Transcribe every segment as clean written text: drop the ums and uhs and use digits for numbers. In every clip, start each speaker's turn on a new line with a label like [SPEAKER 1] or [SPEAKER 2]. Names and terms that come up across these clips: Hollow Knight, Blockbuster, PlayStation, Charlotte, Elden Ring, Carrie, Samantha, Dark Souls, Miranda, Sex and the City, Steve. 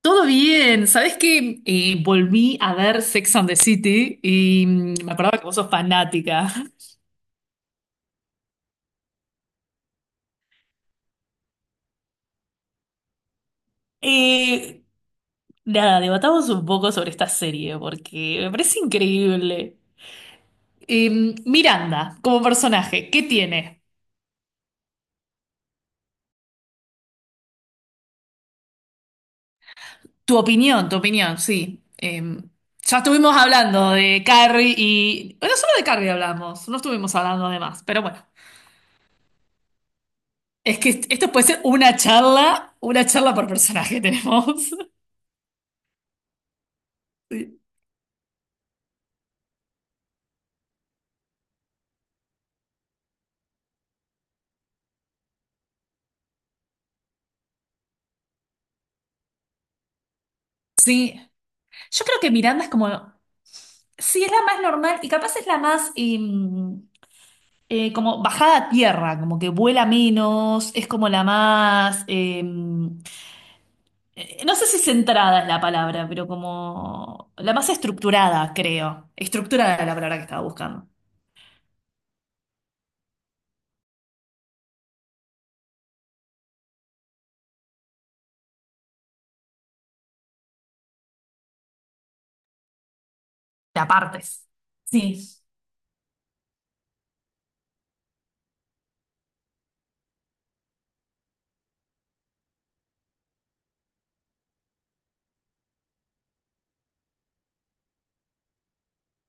[SPEAKER 1] Todo bien, ¿sabés qué? Volví a ver Sex and the City y me acordaba que vos sos fanática. Eh, nada, Debatamos un poco sobre esta serie porque me parece increíble. Miranda, como personaje, ¿qué tiene? Tu opinión, sí. Ya estuvimos hablando de Carrie y... Bueno, solo de Carrie hablamos, no estuvimos hablando de más, pero bueno. Es que esto puede ser una charla por personaje tenemos. Sí. Sí, Yo creo que Miranda es como, sí, es la más normal y capaz es la más como bajada a tierra, como que vuela menos, es como la más, no sé si centrada es la palabra, pero como la más estructurada, creo. Estructurada era la palabra que estaba buscando. De apartes. Sí,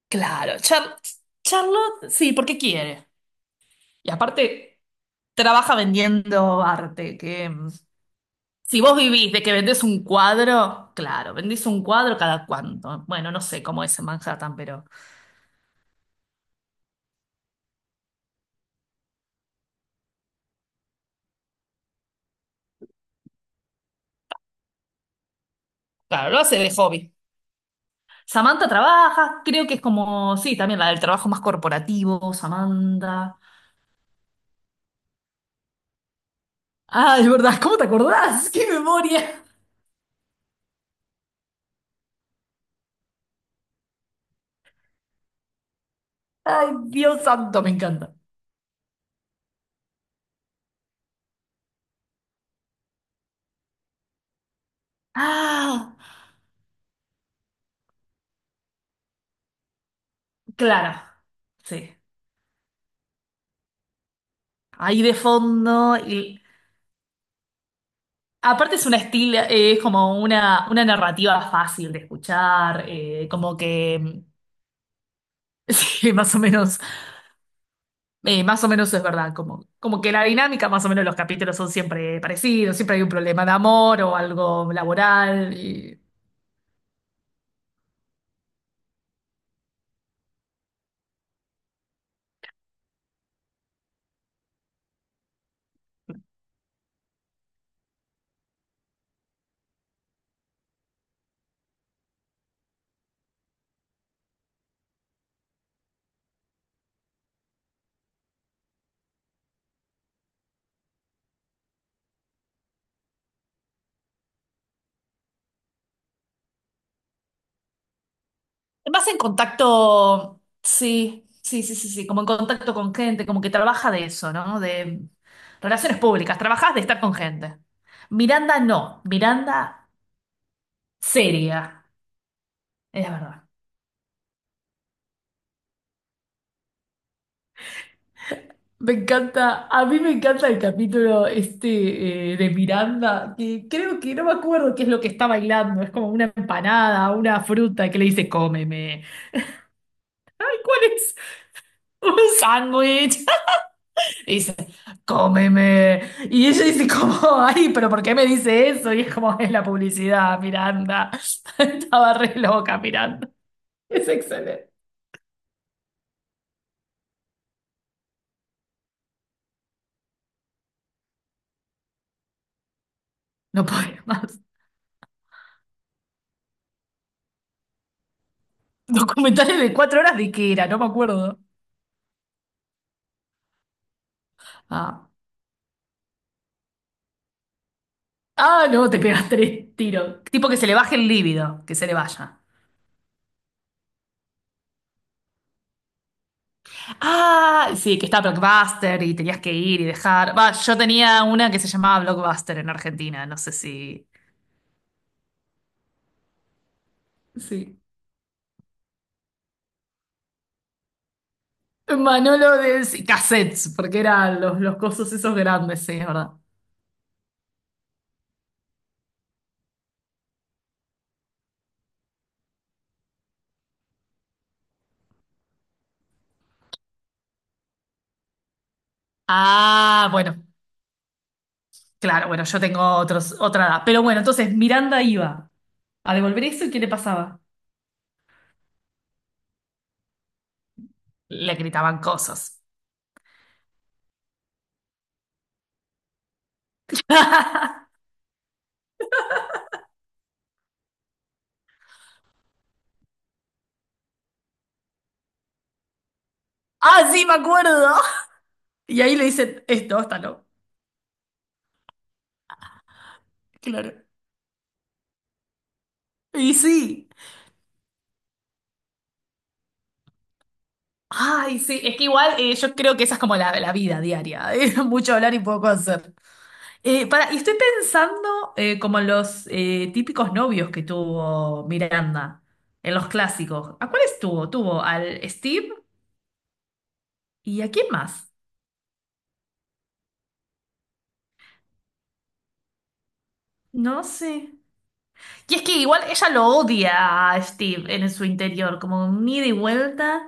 [SPEAKER 1] claro. Charlotte, sí, porque quiere. Y aparte, trabaja vendiendo arte, que... Si vos vivís de que vendés un cuadro, claro, vendís un cuadro cada cuánto. Bueno, no sé cómo es en Manhattan, pero claro, lo hace de hobby. Samantha trabaja, creo que es como, sí, también la del trabajo más corporativo, Samantha. Ah, es ¿verdad? ¿Cómo te acordás? ¡Qué memoria! Ay, Dios santo, me encanta. Ah, claro, sí. Ahí de fondo y aparte es una estilo, es como una narrativa fácil de escuchar, sí, más o menos. Más o menos es verdad, como, como que la dinámica, más o menos los capítulos son siempre parecidos, siempre hay un problema de amor o algo laboral. Y... Más en contacto, sí, sí, sí, sí, sí, como en contacto con gente, como que trabaja de eso, ¿no? De relaciones públicas, trabajas de estar con gente. Miranda no, Miranda seria, es verdad. Me encanta, a mí me encanta el capítulo este de Miranda, que creo que no me acuerdo qué es lo que está bailando, es como una empanada, una fruta que le dice cómeme. Ay, ¿cuál es? Un sándwich. Y dice, cómeme. Y ella dice como, ay, pero ¿por qué me dice eso? Y es como, es la publicidad, Miranda. Estaba re loca, Miranda. Es excelente. No puedo más. Documentales de 4 horas de qué era, no me acuerdo. Ah. Ah, no, te pegas 3 tiros. Tipo que se le baje el líbido, que se le vaya. Ah, sí, que está Blockbuster y tenías que ir y dejar. Va, yo tenía una que se llamaba Blockbuster en Argentina, no sé si. Sí. Manolo de sí, cassettes, porque eran los cosos esos grandes, sí, es verdad. Ah, bueno, claro, bueno, yo tengo otros, otra edad. Pero bueno, entonces Miranda iba a devolver eso y ¿qué le pasaba? Le gritaban cosas. Ah, sí, me acuerdo. Y ahí le dicen, esto, está no. Claro. Y sí. Ay, sí, es que igual yo creo que esa es como la vida diaria, mucho hablar y poco hacer. Y estoy pensando como en los típicos novios que tuvo Miranda, en los clásicos. ¿A cuáles tuvo? Tuvo al Steve y ¿a quién más? No sé. Y es que igual ella lo odia a Steve en su interior, como un ida y vuelta,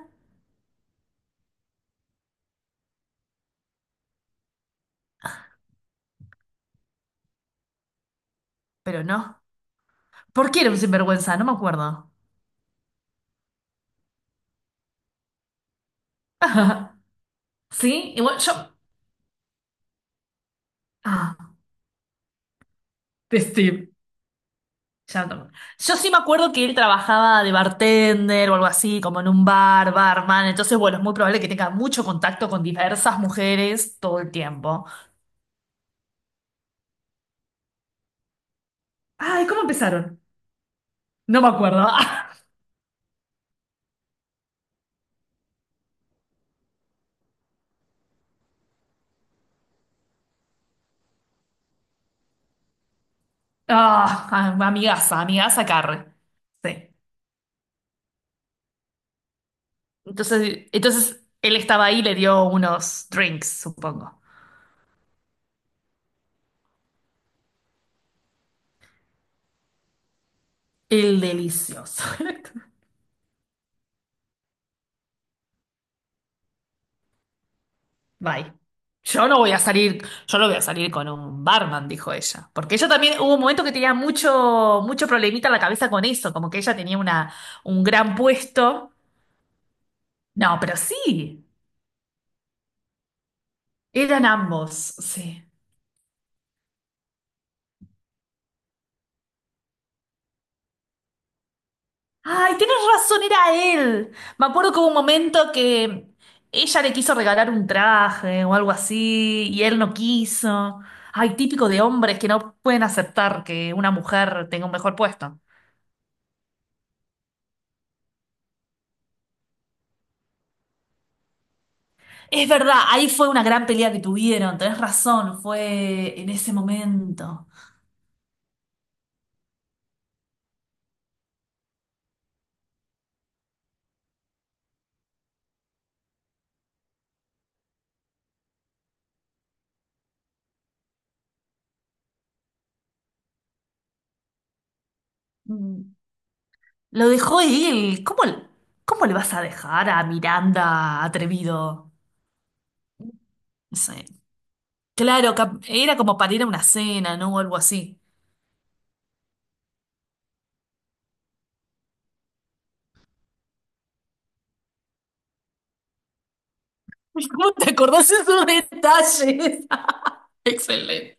[SPEAKER 1] pero no. ¿Por qué era un sinvergüenza? No me acuerdo. Sí, igual yo... Ah, de Steve. Ya no. Yo sí me acuerdo que él trabajaba de bartender o algo así, como en un bar, barman. Entonces, bueno, es muy probable que tenga mucho contacto con diversas mujeres todo el tiempo. Ay, ¿cómo empezaron? No me acuerdo. Ah, amigaza, amigaza Carre. Sí. Entonces él estaba ahí y le dio unos drinks, supongo. El delicioso. Bye. Yo no voy a salir, yo no voy a salir con un barman, dijo ella. Porque ella también hubo un momento que tenía mucho, mucho problemita en la cabeza con eso, como que ella tenía una, un gran puesto. No, pero sí, eran ambos, sí. Ay, tienes razón, era él. Me acuerdo que hubo un momento que ella le quiso regalar un traje o algo así, y él no quiso. Ay, típico de hombres que no pueden aceptar que una mujer tenga un mejor puesto. Es verdad, ahí fue una gran pelea que tuvieron, tenés razón, fue en ese momento. Mm, lo dejó él. ¿Cómo le vas a dejar a Miranda atrevido? No. Claro, era como para ir a una cena, ¿no? O algo así. ¿Cómo te acordás de esos detalles? Excelente.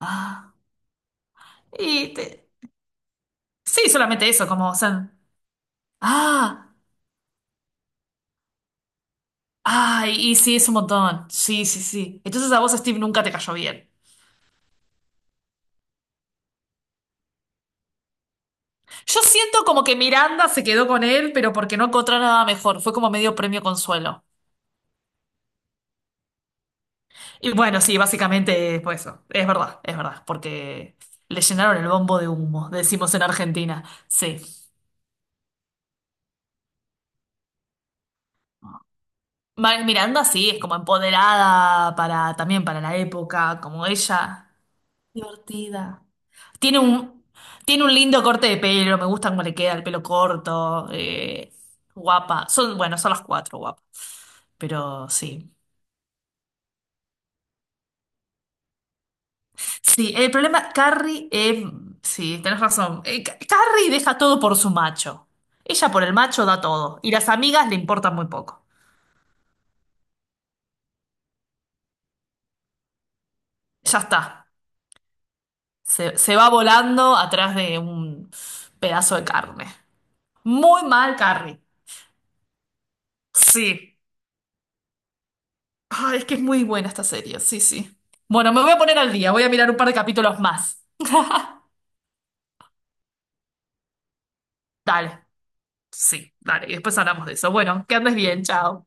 [SPEAKER 1] Ah, y te- Sí, solamente eso, como, o sea, ah, ay, y sí, es un montón. Sí, sí, sí. Entonces a vos, Steve, nunca te cayó bien. Yo siento como que Miranda se quedó con él, pero porque no encontró nada mejor. Fue como medio premio consuelo. Y bueno, sí, básicamente fue eso. Es verdad, porque le llenaron el bombo de humo, decimos en Argentina. Sí. Miranda sí, es como empoderada para, también para la época, como ella. Divertida. Tiene un, tiene un lindo corte de pelo, me gusta cómo le queda el pelo corto. Guapa. Son, bueno, son las cuatro guapas. Pero sí. Sí, el problema, Carrie, sí, tenés razón. Carrie deja todo por su macho. Ella por el macho da todo. Y las amigas le importan muy poco. Ya está. Se va volando atrás de un pedazo de carne. Muy mal, Carrie. Sí. Ay, es que es muy buena esta serie. Sí, sí. Bueno, me voy a poner al día. Voy a mirar un par de capítulos más. Dale. Sí, dale. Y después hablamos de eso. Bueno, que andes bien. Chao.